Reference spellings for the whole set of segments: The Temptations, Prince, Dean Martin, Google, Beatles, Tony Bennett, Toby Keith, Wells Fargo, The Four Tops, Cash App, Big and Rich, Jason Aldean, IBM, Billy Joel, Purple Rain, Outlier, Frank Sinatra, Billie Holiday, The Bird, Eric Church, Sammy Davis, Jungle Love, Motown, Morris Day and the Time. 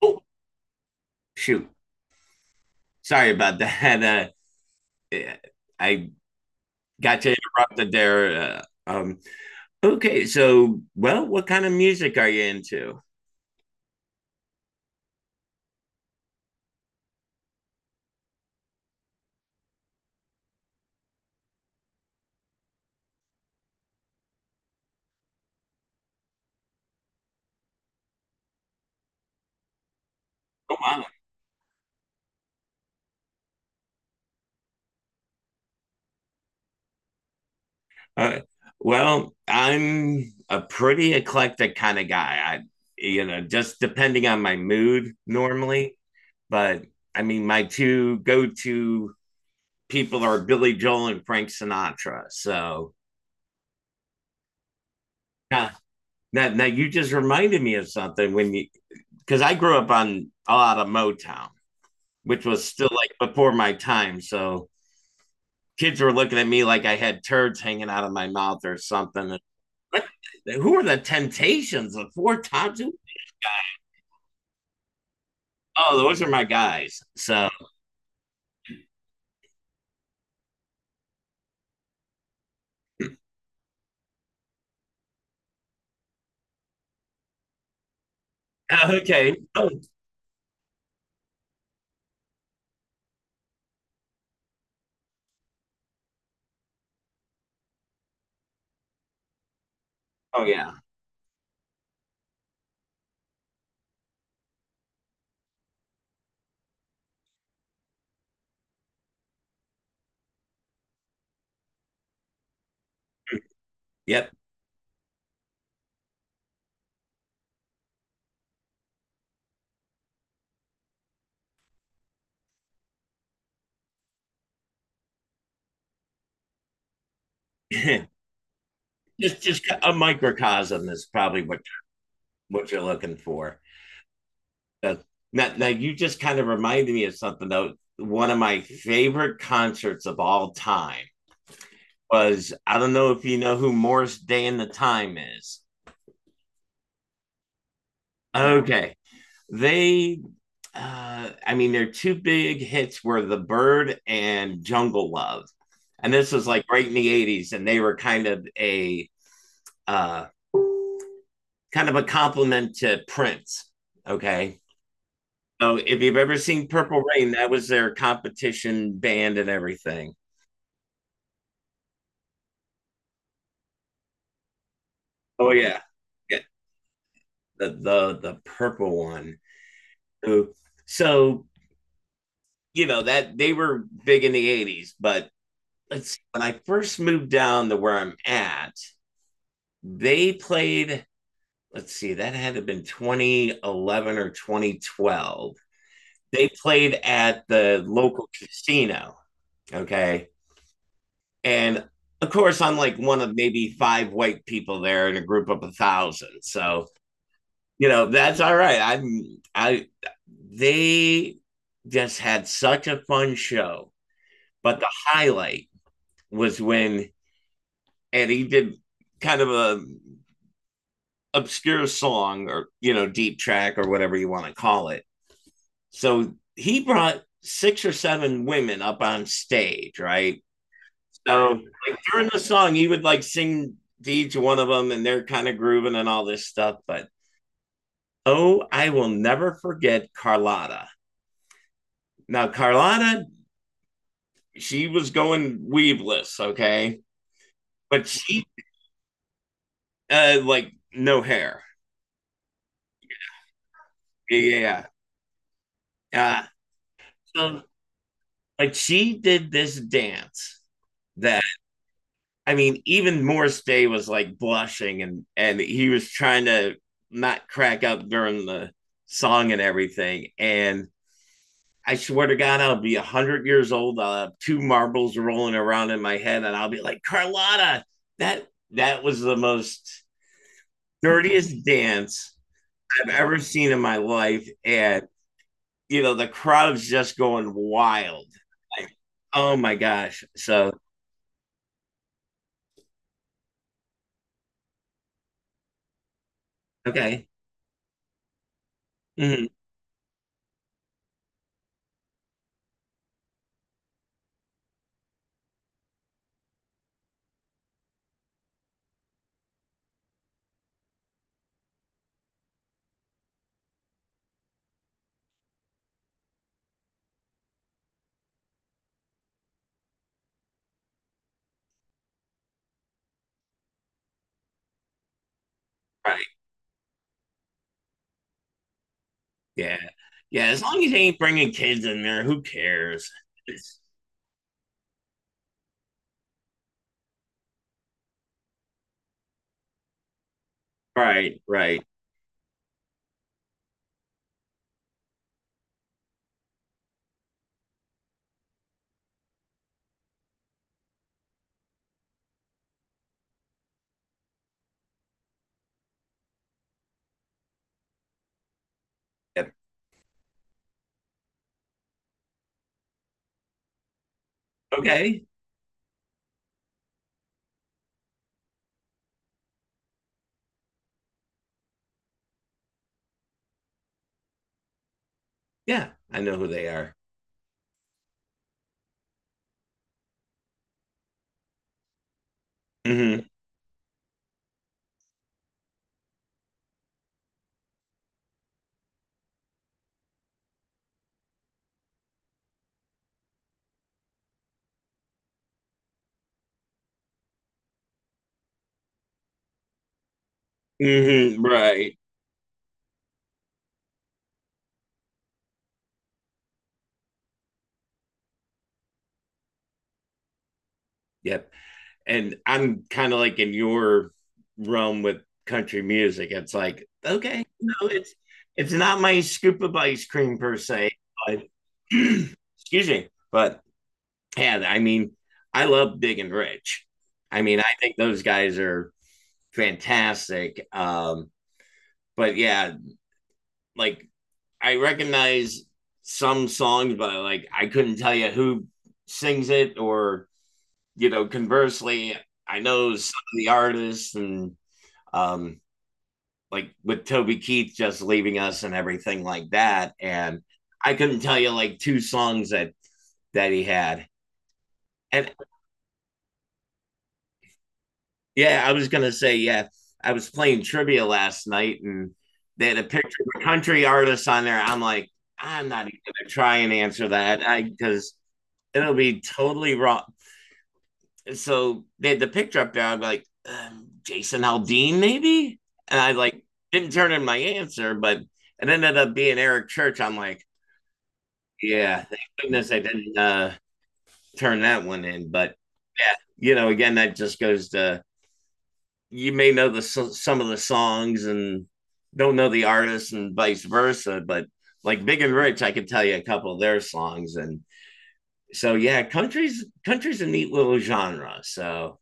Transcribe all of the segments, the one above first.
Oh, shoot. Sorry about that. Uh, I got you interrupted there. Uh, um, what kind of music are you into? Oh, wow. Uh, well, I'm a pretty eclectic kind of guy. You know, just depending on my mood normally. But I mean, my two go to people are Billy Joel and Frank Sinatra. So, yeah. Now you just reminded me of something when you because I grew up on a lot of Motown, which was still like before my time. So kids were looking at me like I had turds hanging out of my mouth or something. What? Who are the Temptations? The Four Tops? Oh, those are my guys. So okay. Oh, oh yeah. Yep. Just a microcosm is probably what you're looking for. Uh, now you just kind of reminded me of something though. One of my favorite concerts of all time was, I don't know if you know who Morris Day and the Time is. Okay. They, I mean, their two big hits were The Bird and Jungle Love. And this was like right in the 80s, and they were uh, kind of a compliment to Prince. Okay. So if you've ever seen Purple Rain, that was their competition band and everything. Oh yeah. Yeah. The purple one. So so you know that they were big in the 80s, but let's see, when I first moved down to where I'm at, they played, let's see, that had to have been 2011 or 2012. They played at the local casino, okay, and of course I'm like one of maybe five white people there in a group of a thousand. So you know that's all right. I'm I they just had such a fun show. But the highlight was when, and he did kind of a obscure song, or you know, deep track or whatever you want to call it. So he brought six or seven women up on stage, right? So like, during the song, he would like sing to each one of them, and they're kind of grooving and all this stuff. But oh, I will never forget Carlotta. Now Carlotta, she was going weaveless, okay, but she like no hair. Yeah, yeah. Yeah. So, like she did this dance that, I mean, even Morris Day was like blushing, and he was trying to not crack up during the song and everything. And I swear to God, I'll be 100 years old. I'll have two marbles rolling around in my head, and I'll be like, Carlotta, that that was the most dirtiest dance I've ever seen in my life. And you know, the crowd's just going wild. Like, oh my gosh. So okay. Mm-hmm. Right. Yeah. Yeah. As long as you ain't bringing kids in there, who cares? It's- right. Right. Yep. Okay. Yeah. I know who they are. Hmm hmm Right. Yep. And I'm kind of like in your realm with country music. It's like, okay, no, it's not my scoop of ice cream per se, but excuse me. But yeah, I mean, I love Big and Rich. I mean, I think those guys are fantastic. But yeah, like I recognize some songs, but like I couldn't tell you who sings it, or you know, conversely, I know some of the artists. And um like with Toby Keith just leaving us and everything like that. And I couldn't tell you like two songs that that he had. And yeah, I was gonna say, yeah. I was playing trivia last night and they had a picture of a country artist on there. I'm like, I'm not even gonna try and answer that. I because it'll be totally wrong. So they had the picture up there. I'm like, Jason Aldean, maybe? And I like didn't turn in my answer, but it ended up being Eric Church. I'm like, yeah, thank goodness I didn't turn that one in. But yeah, you know, again, that just goes to, you may know the so, some of the songs and don't know the artists and vice versa, but like Big and Rich, I could tell you a couple of their songs. And so yeah, country's a neat little genre. So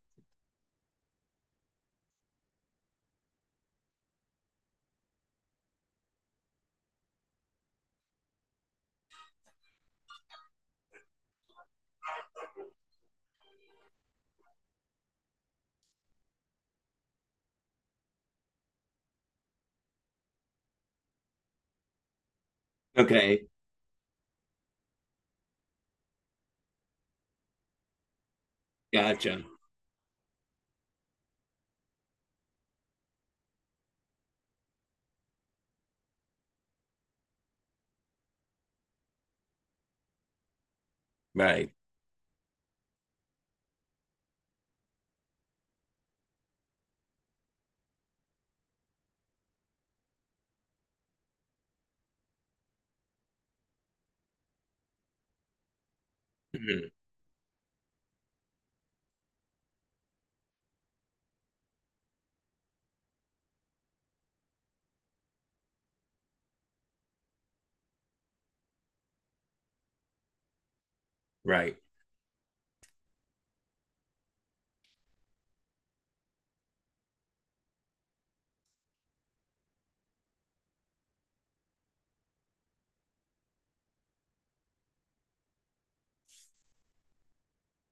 okay, gotcha. Right. Mm-hmm. Right.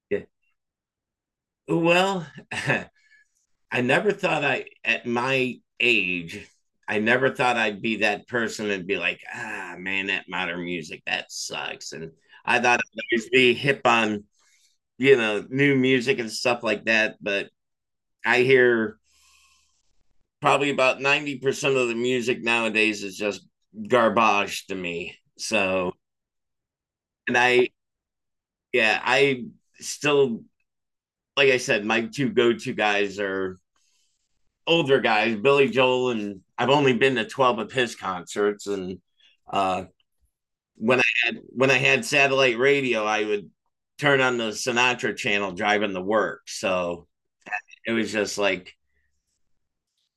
Yeah. Well, I never thought I, at my age, I never thought I'd be that person and be like, ah man, that modern music, that sucks. And I thought I'd always be hip on, you know, new music and stuff like that. But I hear probably about 90% of the music nowadays is just garbage to me. So, and I, yeah, I still, like I said, my two go to guys are older guys, Billy Joel, and I've only been to 12 of his concerts. And, uh, when I had satellite radio, I would turn on the Sinatra channel driving to work. So it was just like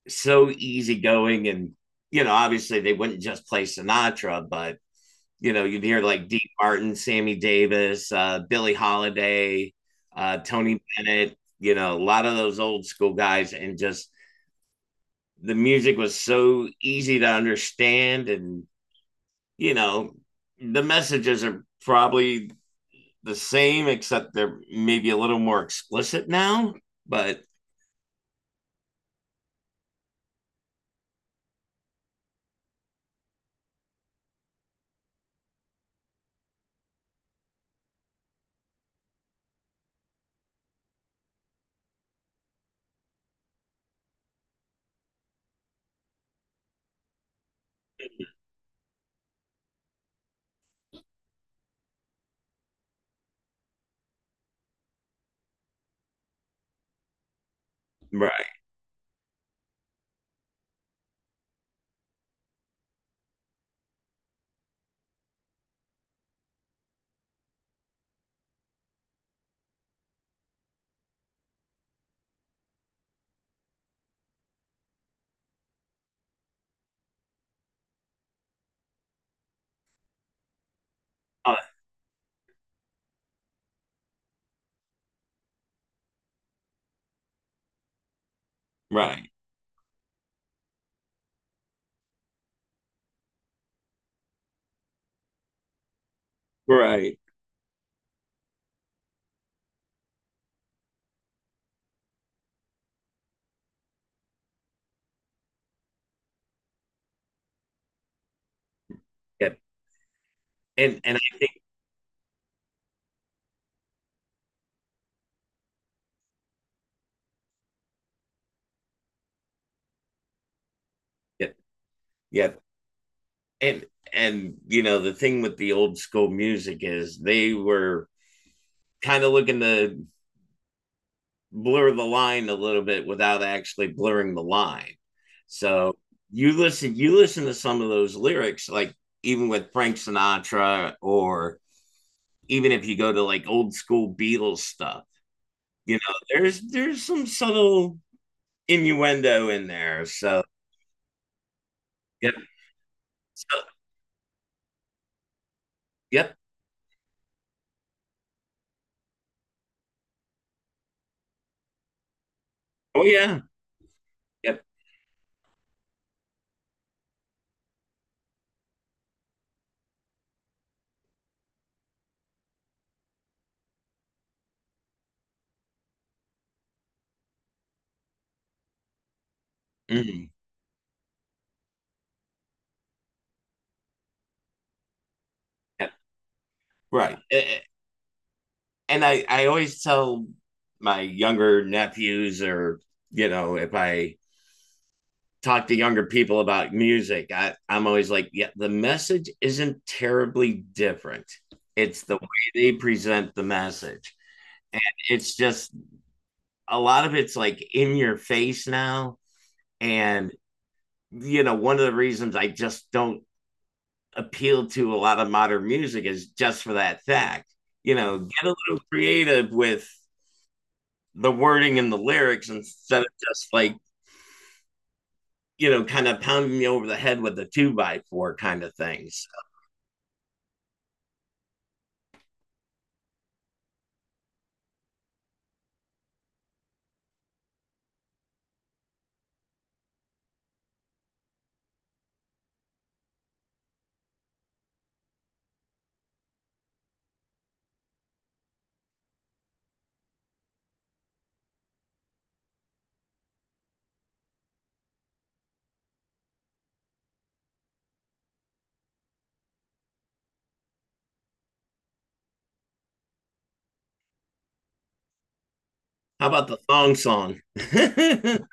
so easygoing. And you know, obviously they wouldn't just play Sinatra, but you know, you'd hear like Dean Martin, Sammy Davis, Billie Holiday, Tony Bennett, you know, a lot of those old school guys, and just the music was so easy to understand, and you know, the messages are probably the same, except they're maybe a little more explicit now. But right, uh, right, right, yeah, and I think yeah, yeah, and and you know the thing with the old school music is they were kind of looking to blur the line a little bit without actually blurring the line. So you listen to some of those lyrics like even with Frank Sinatra, or even if you go to like old school Beatles stuff, you know, there's some subtle innuendo in there. So yep, so, yep, oh yeah, yep, mm, yep, right. And I always tell my younger nephews, or you know if I talk to younger people about music, I'm always like, yeah, the message isn't terribly different, it's the way they present the message. And it's just a lot of it's like in your face now. And you know, one of the reasons I just don't appeal to a lot of modern music is just for that fact. You know, get a little creative with the wording and the lyrics instead of just like, you know, kind of pounding me over the head with the two by four kind of things. How about the thong song? yep,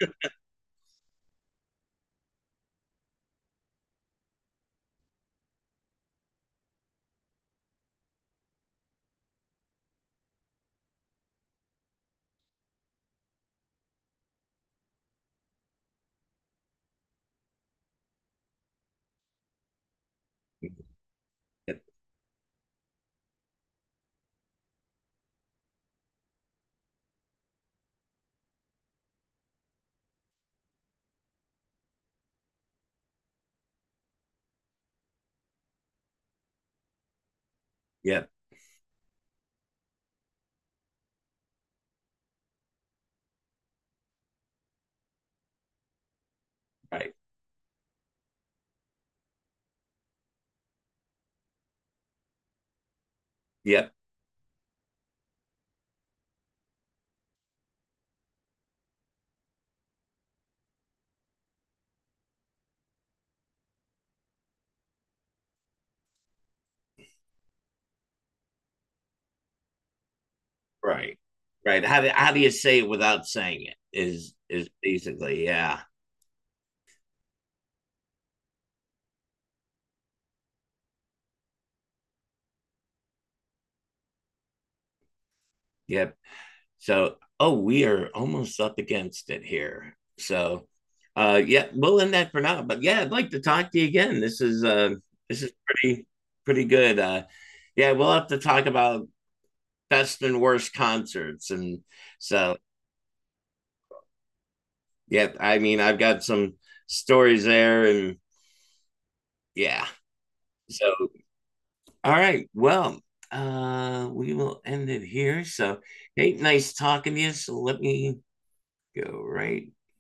yep, right. Yep, right. Right. How do you say it without saying it? Is basically, yeah. Yep. So oh, we are almost up against it here. So yeah, we'll end that for now. But yeah, I'd like to talk to you again. This is pretty pretty good. Yeah, we'll have to talk about best and worst concerts. And so, yeah, I mean, I've got some stories there. And yeah. So, all right. Well, we will end it here. So, hey, nice talking to you. So, let me go right